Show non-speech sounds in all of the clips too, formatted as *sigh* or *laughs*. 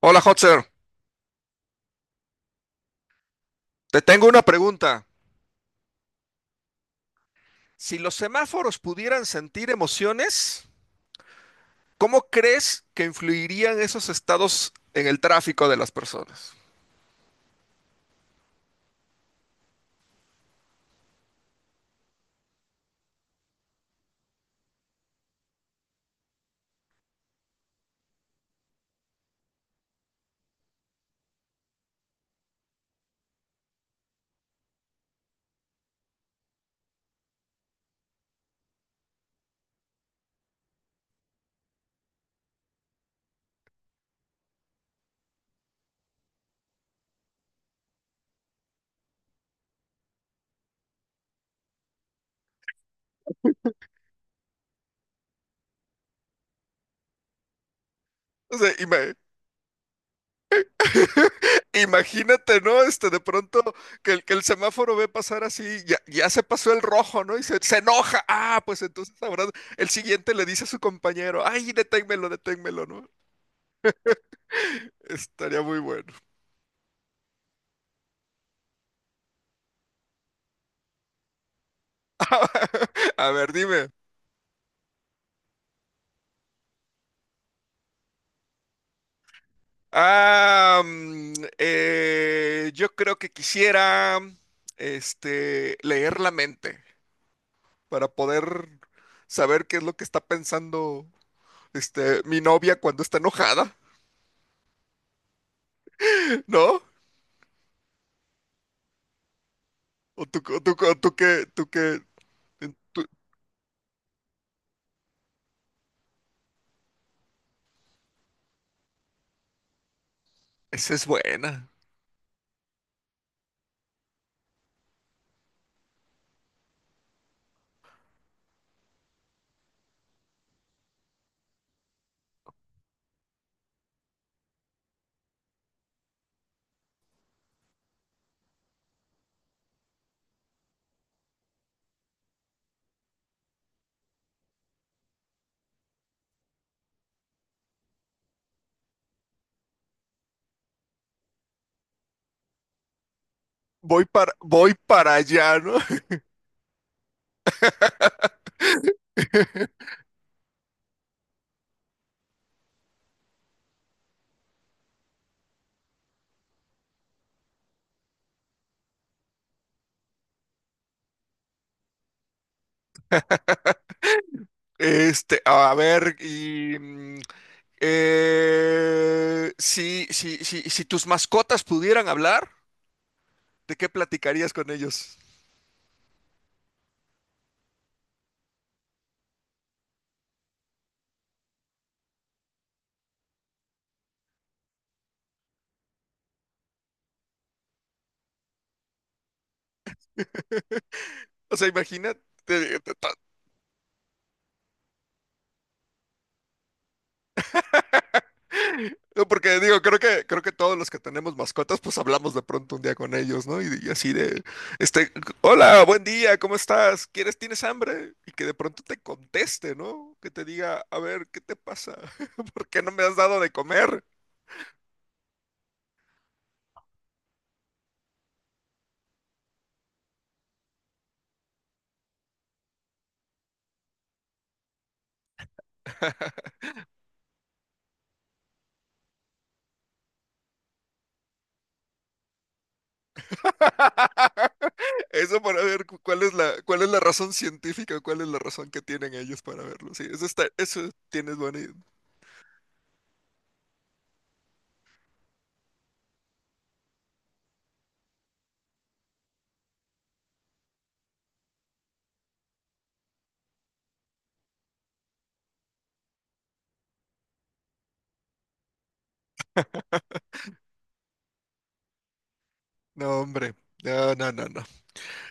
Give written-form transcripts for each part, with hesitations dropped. Hola, Hotzer. Te tengo una pregunta. Si los semáforos pudieran sentir emociones, ¿cómo crees que influirían esos estados en el tráfico de las personas? O sea, ima- Imagínate, ¿no? De pronto que el semáforo ve pasar así, ya, ya se pasó el rojo, ¿no? Y se enoja. Ah, pues entonces ahora el siguiente le dice a su compañero, ay, deténmelo, deténmelo, ¿no? Estaría muy bueno. *laughs* A ver, dime. Yo creo que quisiera leer la mente para poder saber qué es lo que está pensando mi novia cuando está enojada, *laughs* ¿no? O tú, o tú, o tú qué, tú qué, tú- Esa es buena. Voy para allá, ¿no? *laughs* A ver, si tus mascotas pudieran hablar, ¿de qué platicarías con ellos? O sea, imagínate. eh, ta- no, porque digo, creo que todos los que tenemos mascotas, pues hablamos de pronto un día con ellos, ¿no? Y así de, este, hola, buen día, ¿cómo estás? ¿Quieres, tienes hambre? Y que de pronto te conteste, ¿no? Que te diga, a ver, ¿qué te pasa? *laughs* ¿Por qué no me has dado de comer? *laughs* Eso para ver cuál es la razón científica, cuál es la razón que tienen ellos para verlo. Sí, eso está, eso tienes buena idea. No, hombre. No, no, no, no.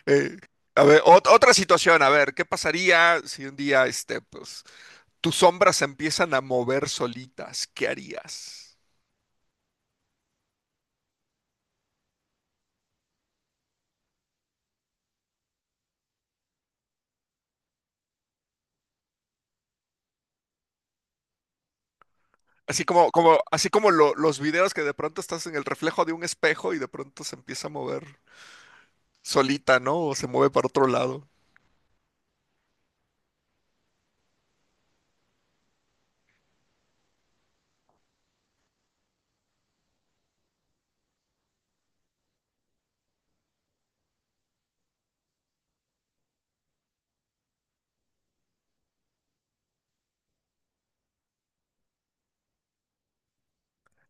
Eh, a ver, otra situación, a ver, ¿qué pasaría si un día, pues, tus sombras se empiezan a mover solitas? ¿Qué harías? Así como los videos, que de pronto estás en el reflejo de un espejo y de pronto se empieza a mover solita, ¿no? O se mueve para otro lado.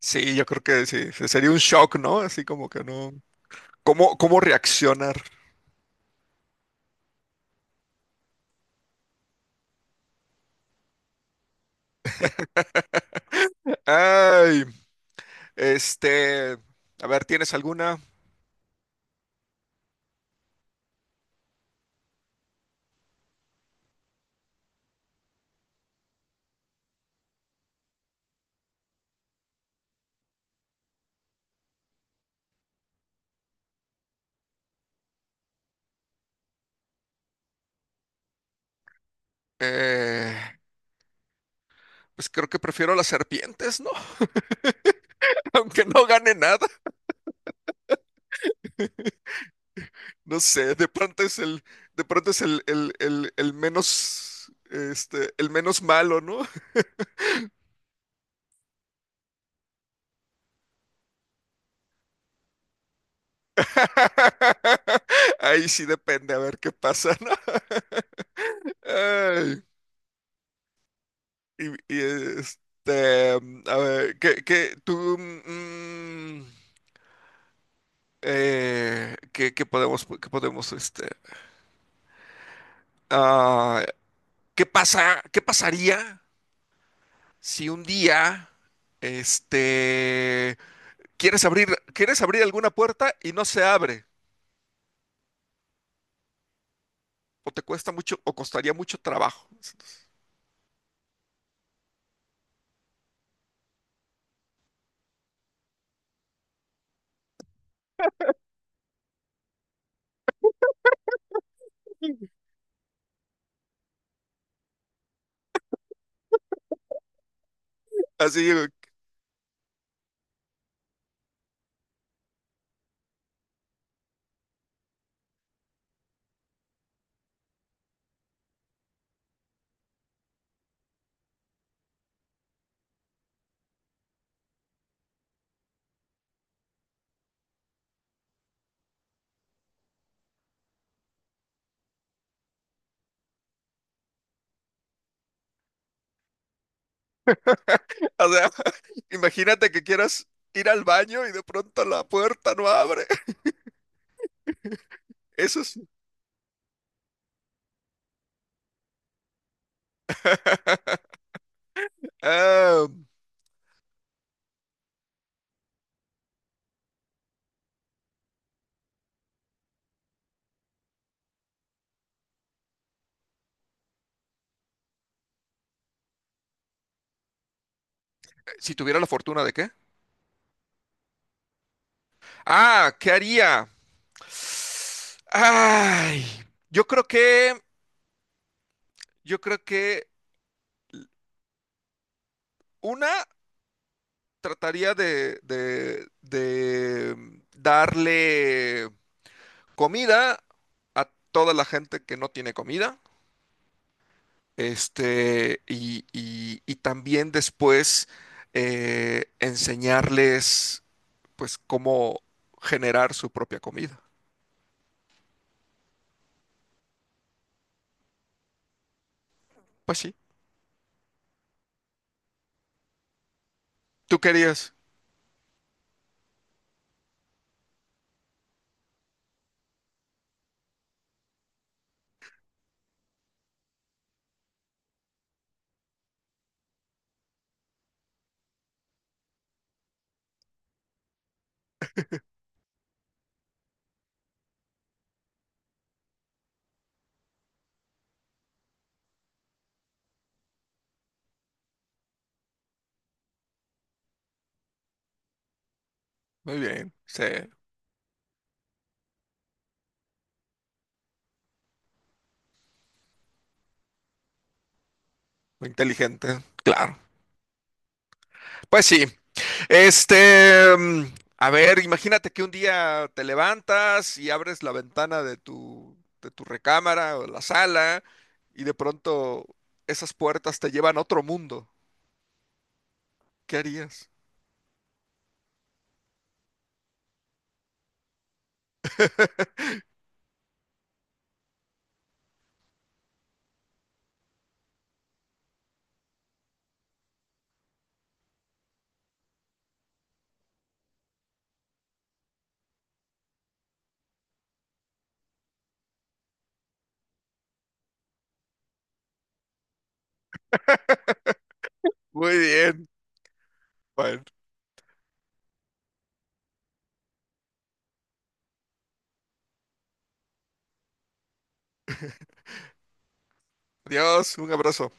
Sí, yo creo que sí, sería un shock, ¿no? Así como que no. ¿Cómo, cómo reaccionar? *laughs* Ay, este, a ver, ¿tienes alguna? Eh, pues creo que prefiero las serpientes, ¿no? *laughs* Aunque no gane nada, no sé, de pronto es el menos, el menos malo, ¿no? *laughs* Ahí sí depende, a ver qué pasa, ¿no? *laughs* Ay, y, y, este, a ver, ¿qué podemos, ah, qué pasaría si un día, este, quieres abrir, quieres abrir alguna puerta y no se abre, o te cuesta mucho, o costaría mucho trabajo. Así, o sea, *laughs* imagínate que quieras ir al baño y de pronto la puerta no abre. *laughs* Eso es. ah, si tuviera la fortuna de qué. Ah, ¿qué haría? Ay, yo creo que, yo creo que una trataría de, de darle comida a toda la gente que no tiene comida. Y también después enseñarles, pues, cómo generar su propia comida. Pues sí, tú querías. Muy bien, sí, muy inteligente, claro. Pues sí, este, mm, a ver, imagínate que un día te levantas y abres la ventana de tu recámara o la sala y de pronto esas puertas te llevan a otro mundo. ¿Qué harías? Muy bien. Bueno. Adiós, un abrazo.